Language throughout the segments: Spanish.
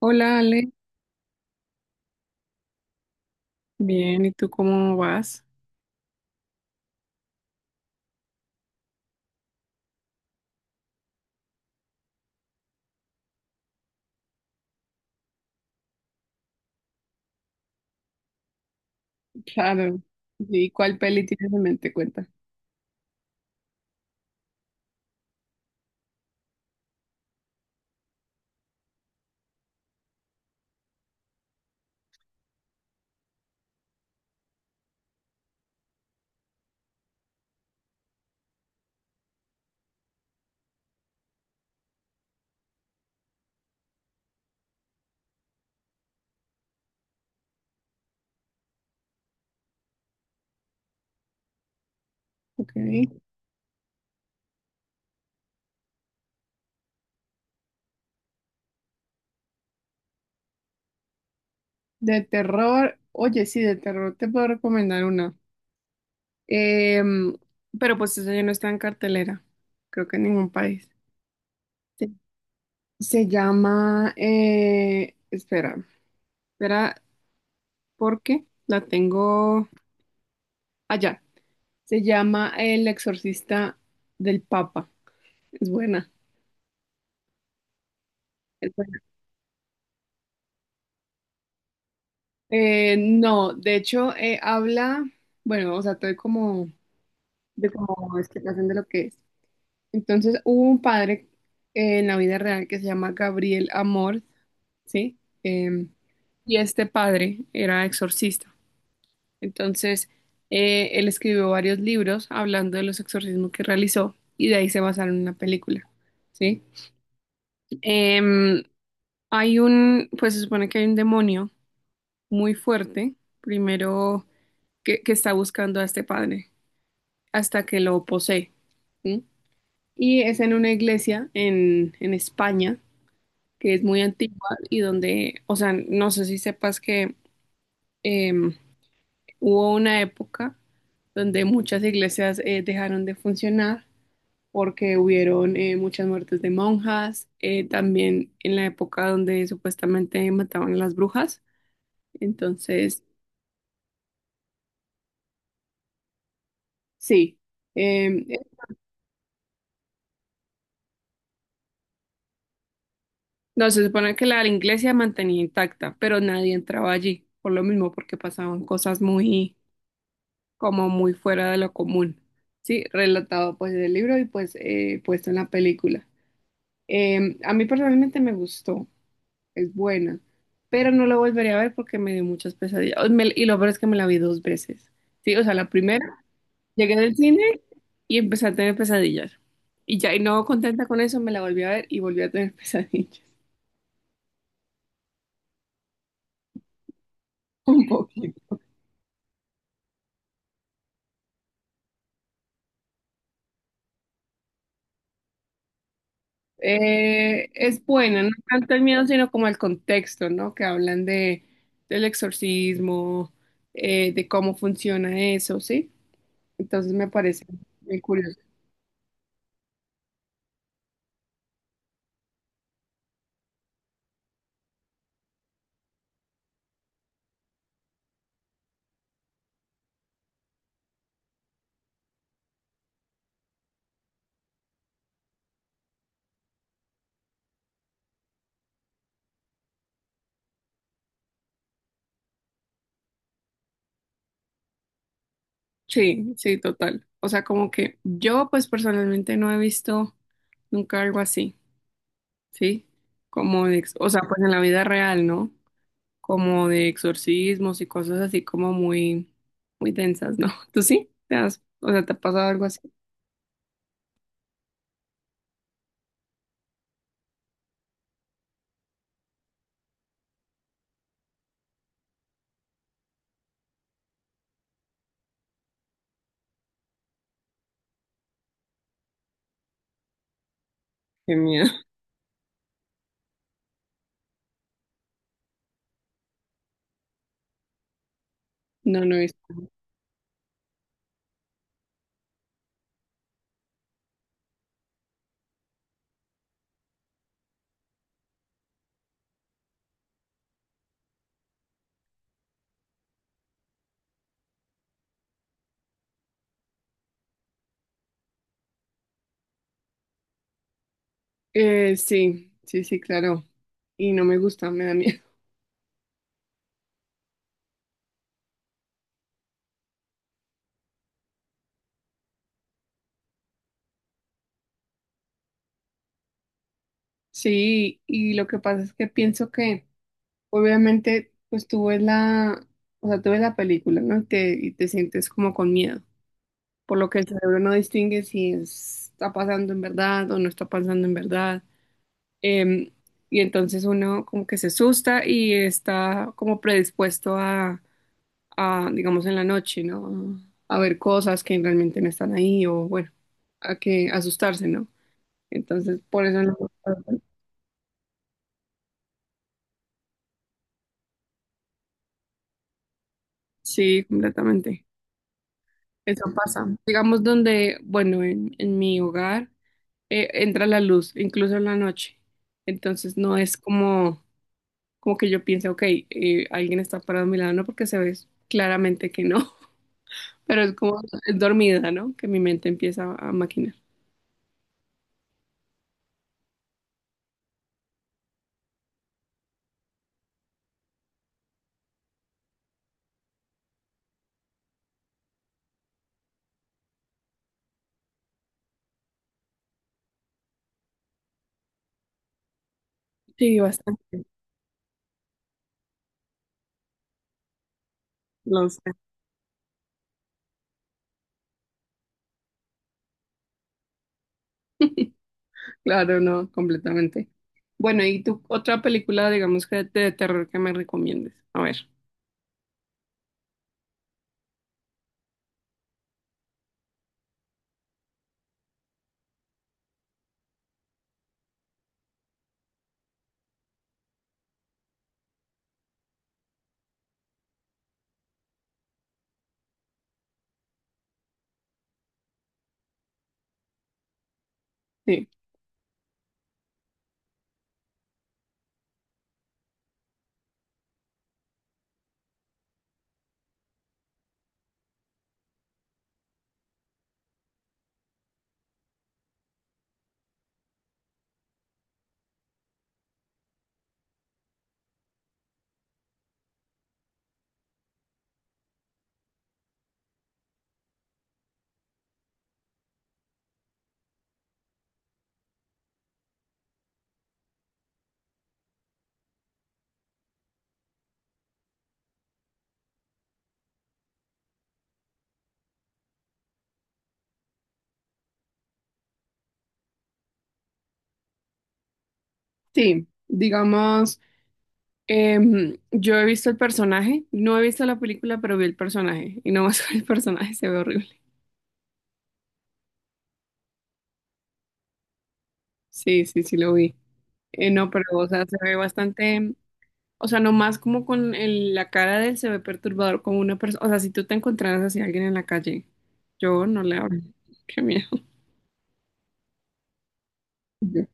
Hola Ale, bien, ¿y tú cómo vas? Claro. ¿Y cuál peli tienes en mente? Cuenta. Ok. De terror, oye, sí, de terror te puedo recomendar una. Em, pero pues esa ya no está en cartelera, creo que en ningún país. Sí. Se llama, espera, espera, porque la tengo allá. Se llama El Exorcista del Papa. Es buena. No, de hecho, habla, bueno, o sea, todo como de como explicación de lo que es. Entonces, hubo un padre en la vida real que se llama Gabriel Amor, ¿sí? Em, y este padre era exorcista. Entonces, él escribió varios libros hablando de los exorcismos que realizó y de ahí se basaron en la película, ¿sí? Em, Hay un, pues se supone que hay un demonio muy fuerte. Primero. Que está buscando a este padre hasta que lo posee. ¿Sí? Y es en una iglesia en España que es muy antigua y donde, o sea, no sé si sepas que eh, hubo una época donde muchas iglesias dejaron de funcionar porque hubieron muchas muertes de monjas, también en la época donde supuestamente mataban a las brujas. Entonces, sí, eh, no, se supone que la iglesia mantenía intacta, pero nadie entraba allí, por lo mismo, porque pasaban cosas muy, como muy fuera de lo común. Sí, relatado pues del libro y pues puesto en la película. A mí personalmente me gustó, es buena, pero no la volvería a ver porque me dio muchas pesadillas. Y lo peor es que me la vi dos veces. Sí, o sea, la primera, llegué del cine y empecé a tener pesadillas. Y ya, y no contenta con eso, me la volví a ver y volví a tener pesadillas. Un poco. Es buena, no tanto el miedo, sino como el contexto, ¿no? Que hablan de del exorcismo, de cómo funciona eso, ¿sí? Entonces me parece muy curioso. Sí, sí, total. O sea, como que yo, pues personalmente no he visto nunca algo así, ¿sí? Como de, o sea, pues en la vida real, ¿no? Como de exorcismos y cosas así como muy, muy densas, ¿no? ¿Tú sí? ¿Te has, o sea, te ha pasado algo así? Qué miedo. No, no he visto. Sí, sí, sí, claro. Y no me gusta, me da miedo. Sí, y lo que pasa es que pienso que obviamente pues tú ves la, o sea, tú ves la película, ¿no? Y te sientes como con miedo, por lo que el cerebro no distingue si está pasando en verdad o no está pasando en verdad. Em, y entonces uno como que se asusta y está como predispuesto a, digamos, en la noche, ¿no? A ver cosas que realmente no están ahí o bueno, a que asustarse, ¿no? Entonces, por eso no. Sí, completamente. Eso pasa. Digamos donde, bueno, en mi hogar entra la luz, incluso en la noche. Entonces no es como, como que yo piense, ok, alguien está parado a mi lado, no porque se ve claramente que no, pero es como es dormida, ¿no? Que mi mente empieza a maquinar. Sí, bastante. Lo sé. Claro, no, completamente. Bueno, ¿y tú otra película, digamos que de terror que me recomiendes? A ver. Sí. Sí, digamos, yo he visto el personaje, no he visto la película, pero vi el personaje y no más con el personaje se ve horrible. Sí, sí, sí lo vi. No, pero o sea, se ve bastante, o sea, nomás como con la cara de él se ve perturbador como una persona, o sea, si tú te encontraras así a alguien en la calle, yo no le hablo. Qué miedo. Yo.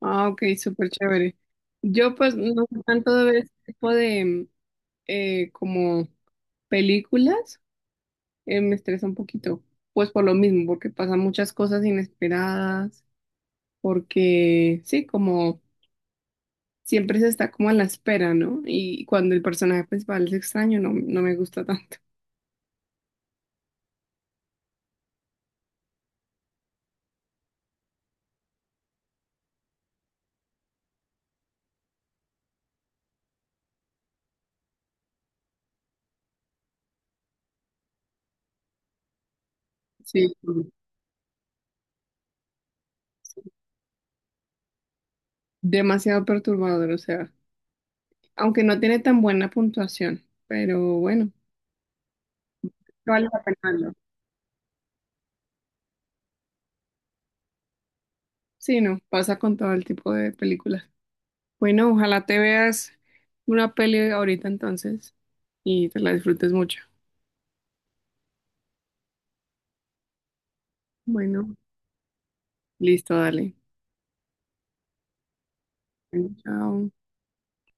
Ah, ok, súper chévere. Yo pues no sé tanto de ver este tipo de como películas, me estresa un poquito, pues por lo mismo, porque pasan muchas cosas inesperadas, porque sí, como siempre se está como a la espera, ¿no? Y cuando el personaje principal es extraño, no, no me gusta tanto. Sí, demasiado perturbador, o sea, aunque no tiene tan buena puntuación, pero bueno, vale la pena verlo. Sí, no, pasa con todo el tipo de películas. Bueno, ojalá te veas una peli ahorita entonces y te la disfrutes mucho. Bueno, listo, dale. Chao.